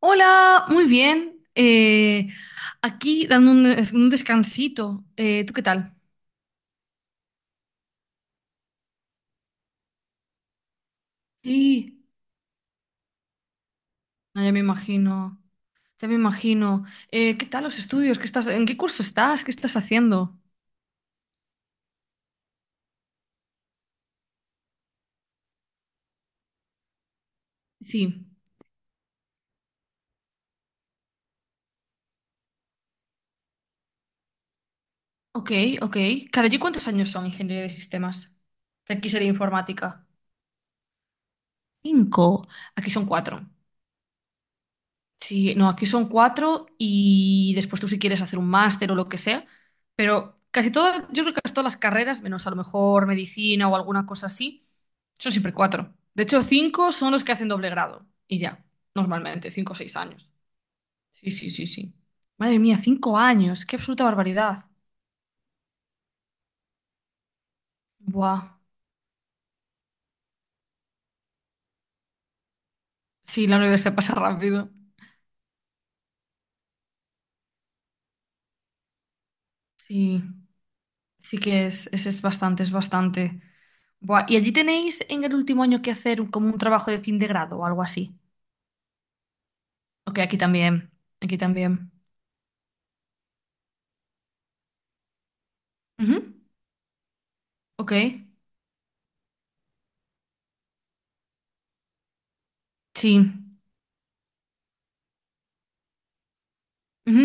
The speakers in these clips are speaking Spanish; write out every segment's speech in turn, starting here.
Hola, muy bien. Aquí dando un descansito. ¿Tú qué tal? Sí. No, ya me imagino, ya me imagino. ¿Qué tal los estudios? ¿Qué estás, en qué curso estás? ¿Qué estás haciendo? Sí. Ok, ok. Claro, ¿y cuántos años son ingeniería de sistemas? Que aquí sería informática. Cinco. Aquí son cuatro. Sí, no, aquí son cuatro y después tú si quieres hacer un máster o lo que sea, pero casi todas, yo creo que casi todas las carreras, menos a lo mejor medicina o alguna cosa así, son siempre cuatro. De hecho, cinco son los que hacen doble grado y ya, normalmente, 5 o 6 años. Sí, sí, sí, sí. Madre mía, 5 años, qué absoluta barbaridad. Buah, sí, la universidad pasa rápido. Sí, sí que es bastante, es bastante. Buah, ¿y allí tenéis en el último año que hacer como un trabajo de fin de grado o algo así? Ok, aquí también. Aquí también. Ujú, Ok, sí. Ujú,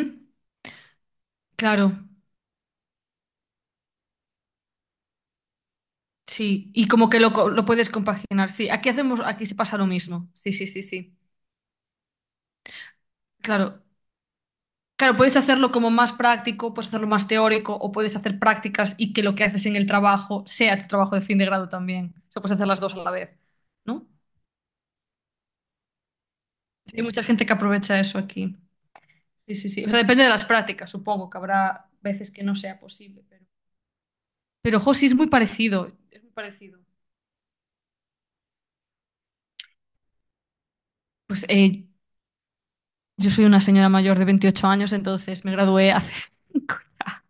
Claro, sí. Y como que lo, lo puedes compaginar. Sí, aquí hacemos, aquí se pasa lo mismo. Sí, sí, sí, sí. Claro. Claro, puedes hacerlo como más práctico, puedes hacerlo más teórico, o puedes hacer prácticas y que lo que haces en el trabajo sea tu trabajo de fin de grado también. O sea, puedes hacer las dos a la vez, ¿no? Sí, hay mucha gente que aprovecha eso aquí. Sí, sí, sí. O sea, depende de las prácticas, supongo que habrá veces que no sea posible, pero. Pero, jo, sí, es muy parecido. Es muy parecido. Pues yo soy una señora mayor de 28 años, entonces me gradué hace cinco ya.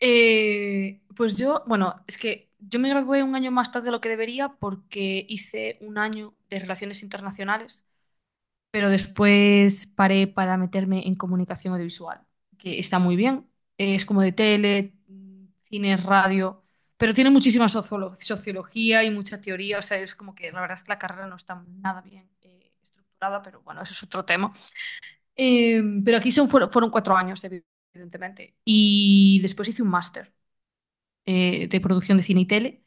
Pues yo, bueno, es que yo me gradué un año más tarde de lo que debería porque hice un año de relaciones internacionales, pero después paré para meterme en comunicación audiovisual, que está muy bien. Es como de tele, cine, radio, pero tiene muchísima sociología y mucha teoría, o sea, es como que la verdad es que la carrera no está nada bien estructurada, pero bueno, eso es otro tema. Pero aquí son, fueron 4 años, evidentemente. Y después hice un máster de producción de cine y tele.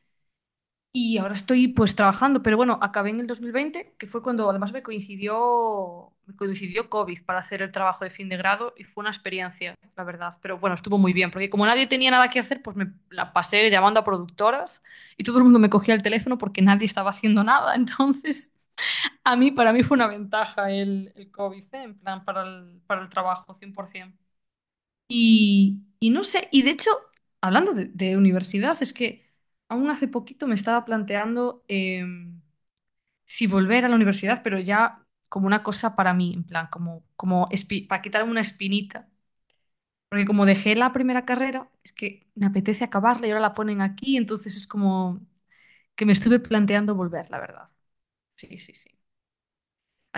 Y ahora estoy pues trabajando, pero bueno, acabé en el 2020, que fue cuando además me coincidió COVID para hacer el trabajo de fin de grado y fue una experiencia, la verdad. Pero bueno, estuvo muy bien, porque como nadie tenía nada que hacer, pues me la pasé llamando a productoras y todo el mundo me cogía el teléfono porque nadie estaba haciendo nada. Entonces, a mí, para mí fue una ventaja el COVID, ¿eh? En plan, para el trabajo, 100%. Y no sé, y de hecho, hablando de universidad, es que aún hace poquito me estaba planteando si volver a la universidad, pero ya como una cosa para mí, en plan, como para quitarme una espinita. Porque como dejé la primera carrera, es que me apetece acabarla y ahora la ponen aquí, entonces es como que me estuve planteando volver, la verdad. Sí, sí, sí.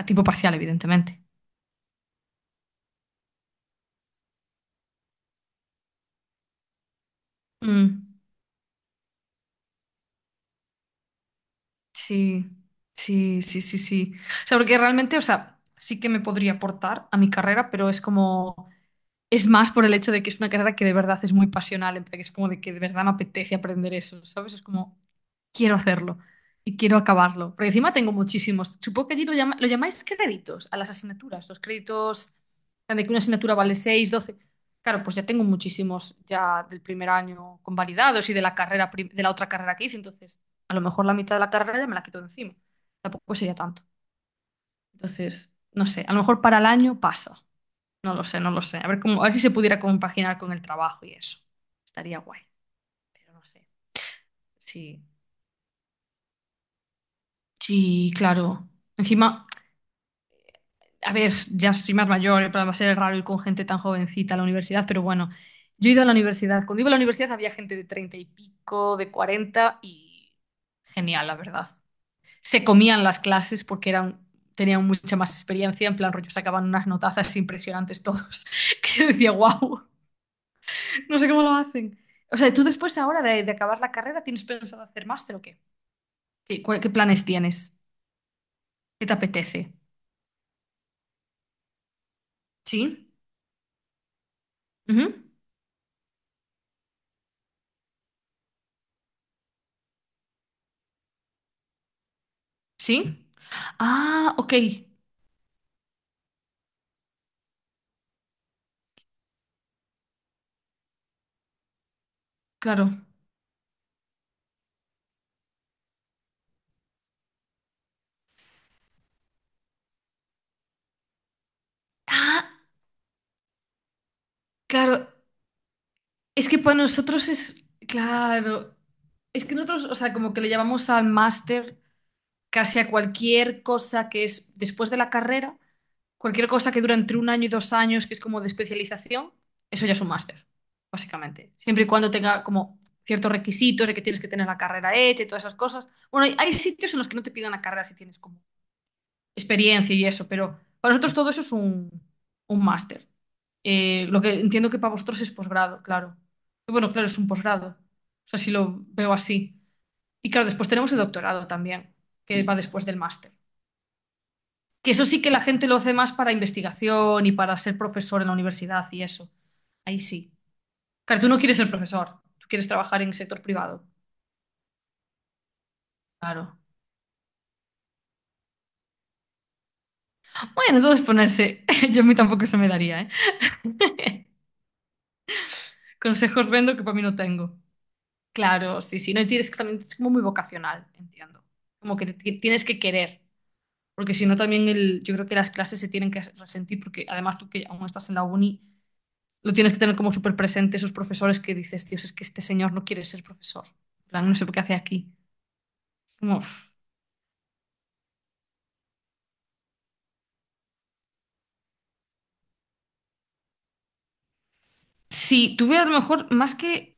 A tiempo parcial, evidentemente. Mm. Sí, sí, sí, sí, sí. O sea, porque realmente, o sea, sí que me podría aportar a mi carrera, pero es como, es más por el hecho de que es una carrera que de verdad es muy pasional, en plan, que es como de que de verdad me apetece aprender eso, ¿sabes? Es como, quiero hacerlo y quiero acabarlo. Porque encima tengo muchísimos. Supongo que allí lo, lo llamáis créditos a las asignaturas. Los créditos en de que una asignatura vale 6, 12. Claro, pues ya tengo muchísimos ya del primer año convalidados y de la carrera de la otra carrera que hice. Entonces, a lo mejor la mitad de la carrera ya me la quito de encima. Tampoco sería tanto. Entonces, no sé, a lo mejor para el año pasa. No lo sé, no lo sé. A ver cómo, a ver si se pudiera compaginar con el trabajo y eso. Estaría guay, pero no sé. Sí. Sí, claro. Encima. A ver, ya soy más mayor, en plan, va a ser raro ir con gente tan jovencita a la universidad, pero bueno, yo he ido a la universidad. Cuando iba a la universidad había gente de 30 y pico, de 40, y genial, la verdad. Se comían las clases porque eran, tenían mucha más experiencia, en plan rollo sacaban unas notazas impresionantes todos, que yo decía, wow, no sé cómo lo hacen. O sea, ¿tú después ahora de acabar la carrera tienes pensado hacer máster o qué? ¿Qué, qué planes tienes? ¿Qué te apetece? ¿Sí? ¿Ujú? ¿Sí? Ah, ok. Claro. Ah, claro. Es que para nosotros es, claro, es que nosotros, o sea, como que le llamamos al máster casi a cualquier cosa que es después de la carrera, cualquier cosa que dura entre un año y 2 años, que es como de especialización, eso ya es un máster, básicamente. Siempre y cuando tenga como ciertos requisitos de que tienes que tener la carrera hecha y todas esas cosas. Bueno, hay sitios en los que no te pidan la carrera si tienes como experiencia y eso, pero para nosotros todo eso es un máster. Lo que entiendo que para vosotros es posgrado, claro. Y bueno, claro, es un posgrado. O sea, si lo veo así. Y claro, después tenemos el doctorado también, que va después del máster. Que eso sí que la gente lo hace más para investigación y para ser profesor en la universidad y eso. Ahí sí. Claro, tú no quieres ser profesor, tú quieres trabajar en el sector privado. Claro. Bueno, entonces ponerse. Yo a mí tampoco se me daría, ¿eh? Consejos vendo que para mí no tengo. Claro, sí, sí. No, y tienes que también es como muy vocacional, entiendo. Como que tienes que querer. Porque si no también el, yo creo que las clases se tienen que resentir, porque además tú que aún estás en la uni, lo tienes que tener como súper presente esos profesores que dices, Dios, es que este señor no quiere ser profesor. En plan, no sé por qué hace aquí. Como, uff. Sí, tuve a lo mejor más que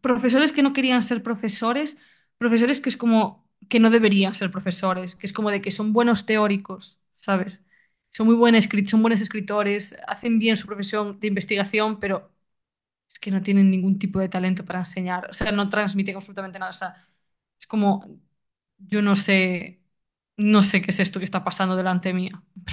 profesores que no querían ser profesores, profesores que es como que no deberían ser profesores, que es como de que son buenos teóricos, ¿sabes? Son muy buenos, son buenos escritores, hacen bien su profesión de investigación, pero es que no tienen ningún tipo de talento para enseñar. O sea, no transmiten absolutamente nada. O sea, es como, yo no sé, no sé qué es esto que está pasando delante mía.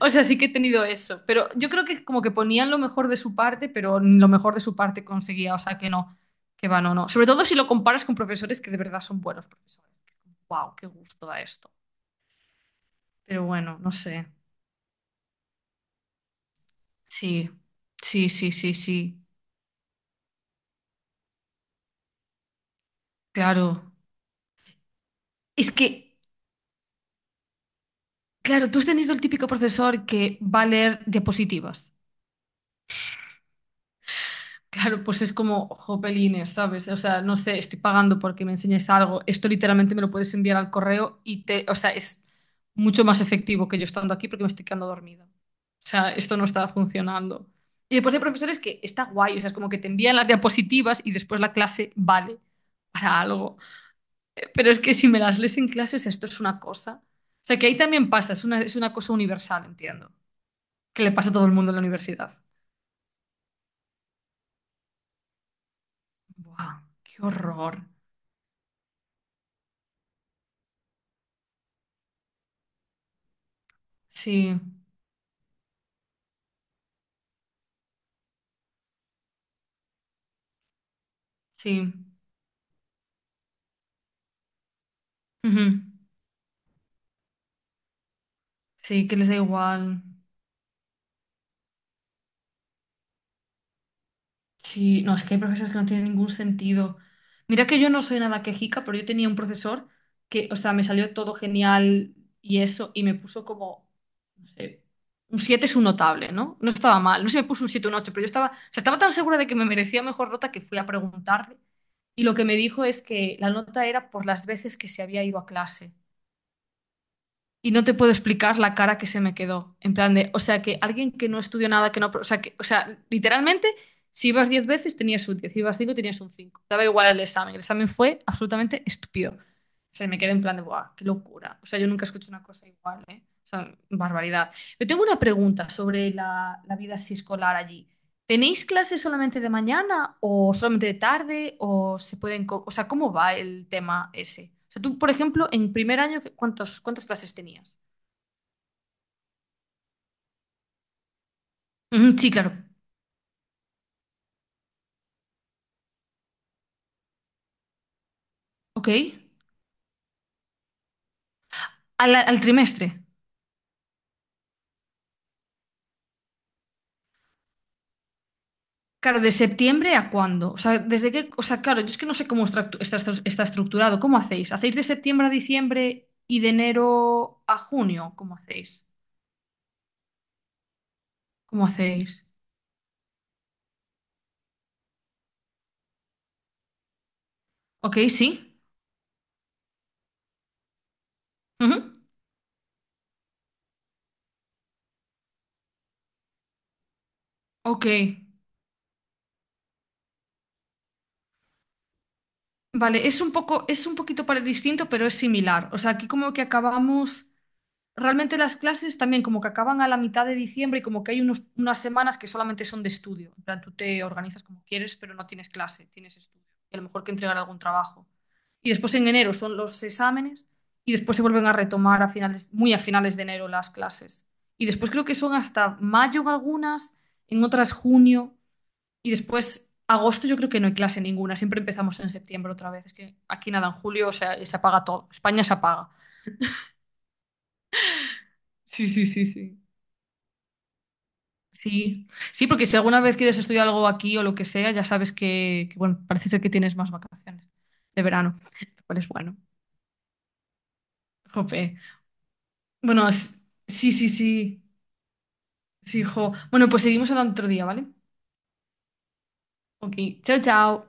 O sea, sí que he tenido eso, pero yo creo que como que ponían lo mejor de su parte, pero ni lo mejor de su parte conseguía. O sea, que no, que va, no, no. Sobre todo si lo comparas con profesores que de verdad son buenos profesores. ¡Wow! ¡Qué gusto da esto! Pero bueno, no sé. Sí, sí, sí, sí, sí. Claro. Es que claro, tú has tenido el típico profesor que va a leer diapositivas. Claro, pues es como jopelines, ¿sabes? O sea, no sé, estoy pagando porque me enseñes algo. Esto literalmente me lo puedes enviar al correo y te, o sea, es mucho más efectivo que yo estando aquí porque me estoy quedando dormida. O sea, esto no está funcionando. Y después hay profesores que está guay, o sea, es como que te envían las diapositivas y después la clase vale para algo. Pero es que si me las lees en clases, esto es una cosa. O sea, que ahí también pasa, es una cosa universal, entiendo. Que le pasa a todo el mundo en la universidad. ¡Buah! ¡Qué horror! Sí, sí. Ujú. Sí, que les da igual. Sí, no, es que hay profesores que no tienen ningún sentido. Mira que yo no soy nada quejica, pero yo tenía un profesor que, o sea, me salió todo genial y eso, y me puso como, no sé, un 7 es un notable, ¿no? No estaba mal. No sé si me puso un siete o un 8, pero yo estaba, o sea, estaba tan segura de que me merecía mejor nota que fui a preguntarle. Y lo que me dijo es que la nota era por las veces que se había ido a clase. Y no te puedo explicar la cara que se me quedó. En plan de, o sea, que alguien que no estudió nada, que no, o sea, que, o sea, literalmente, si ibas 10 veces tenías un 10, si ibas 5 tenías un 5. Daba igual el examen. El examen fue absolutamente estúpido. O sea, me quedé en plan de, ¡buah, qué locura! O sea, yo nunca escucho una cosa igual, ¿eh? O sea, barbaridad. Yo tengo una pregunta sobre la vida así escolar allí. ¿Tenéis clases solamente de mañana o solamente de tarde o se pueden, o sea, cómo va el tema ese? O sea, tú, por ejemplo, en primer año, ¿cuántas clases tenías? Ujú, sí, claro. Ok. Al, al trimestre. Claro, ¿de septiembre a cuándo? O sea, desde qué, o sea, claro, yo es que no sé cómo está estructurado. ¿Cómo hacéis? ¿Hacéis de septiembre a diciembre y de enero a junio? ¿Cómo hacéis? ¿Cómo hacéis? Ok, sí. Ujú. Ok. Vale, es un poco, es un poquito distinto, pero es similar. O sea, aquí como que acabamos, realmente las clases también como que acaban a la mitad de diciembre y como que hay unas semanas que solamente son de estudio. En plan, tú te organizas como quieres, pero no tienes clase, tienes estudio. Y a lo mejor que entregar algún trabajo. Y después en enero son los exámenes y después se vuelven a retomar a finales, muy a finales de enero las clases. Y después creo que son hasta mayo en algunas, en otras junio. Y después, agosto yo creo que no hay clase ninguna, siempre empezamos en septiembre otra vez. Es que aquí nada, en julio, o sea, se apaga todo. España se apaga. Sí, sí, sí, sí. Sí, sí, porque si alguna vez quieres estudiar algo aquí o lo que sea, ya sabes que, bueno, parece ser que tienes más vacaciones de verano, lo cual es bueno. Jope. Bueno, sí, sí, sí, sí, jo. Bueno, pues seguimos hablando otro día, ¿vale? Ok, chao, chao.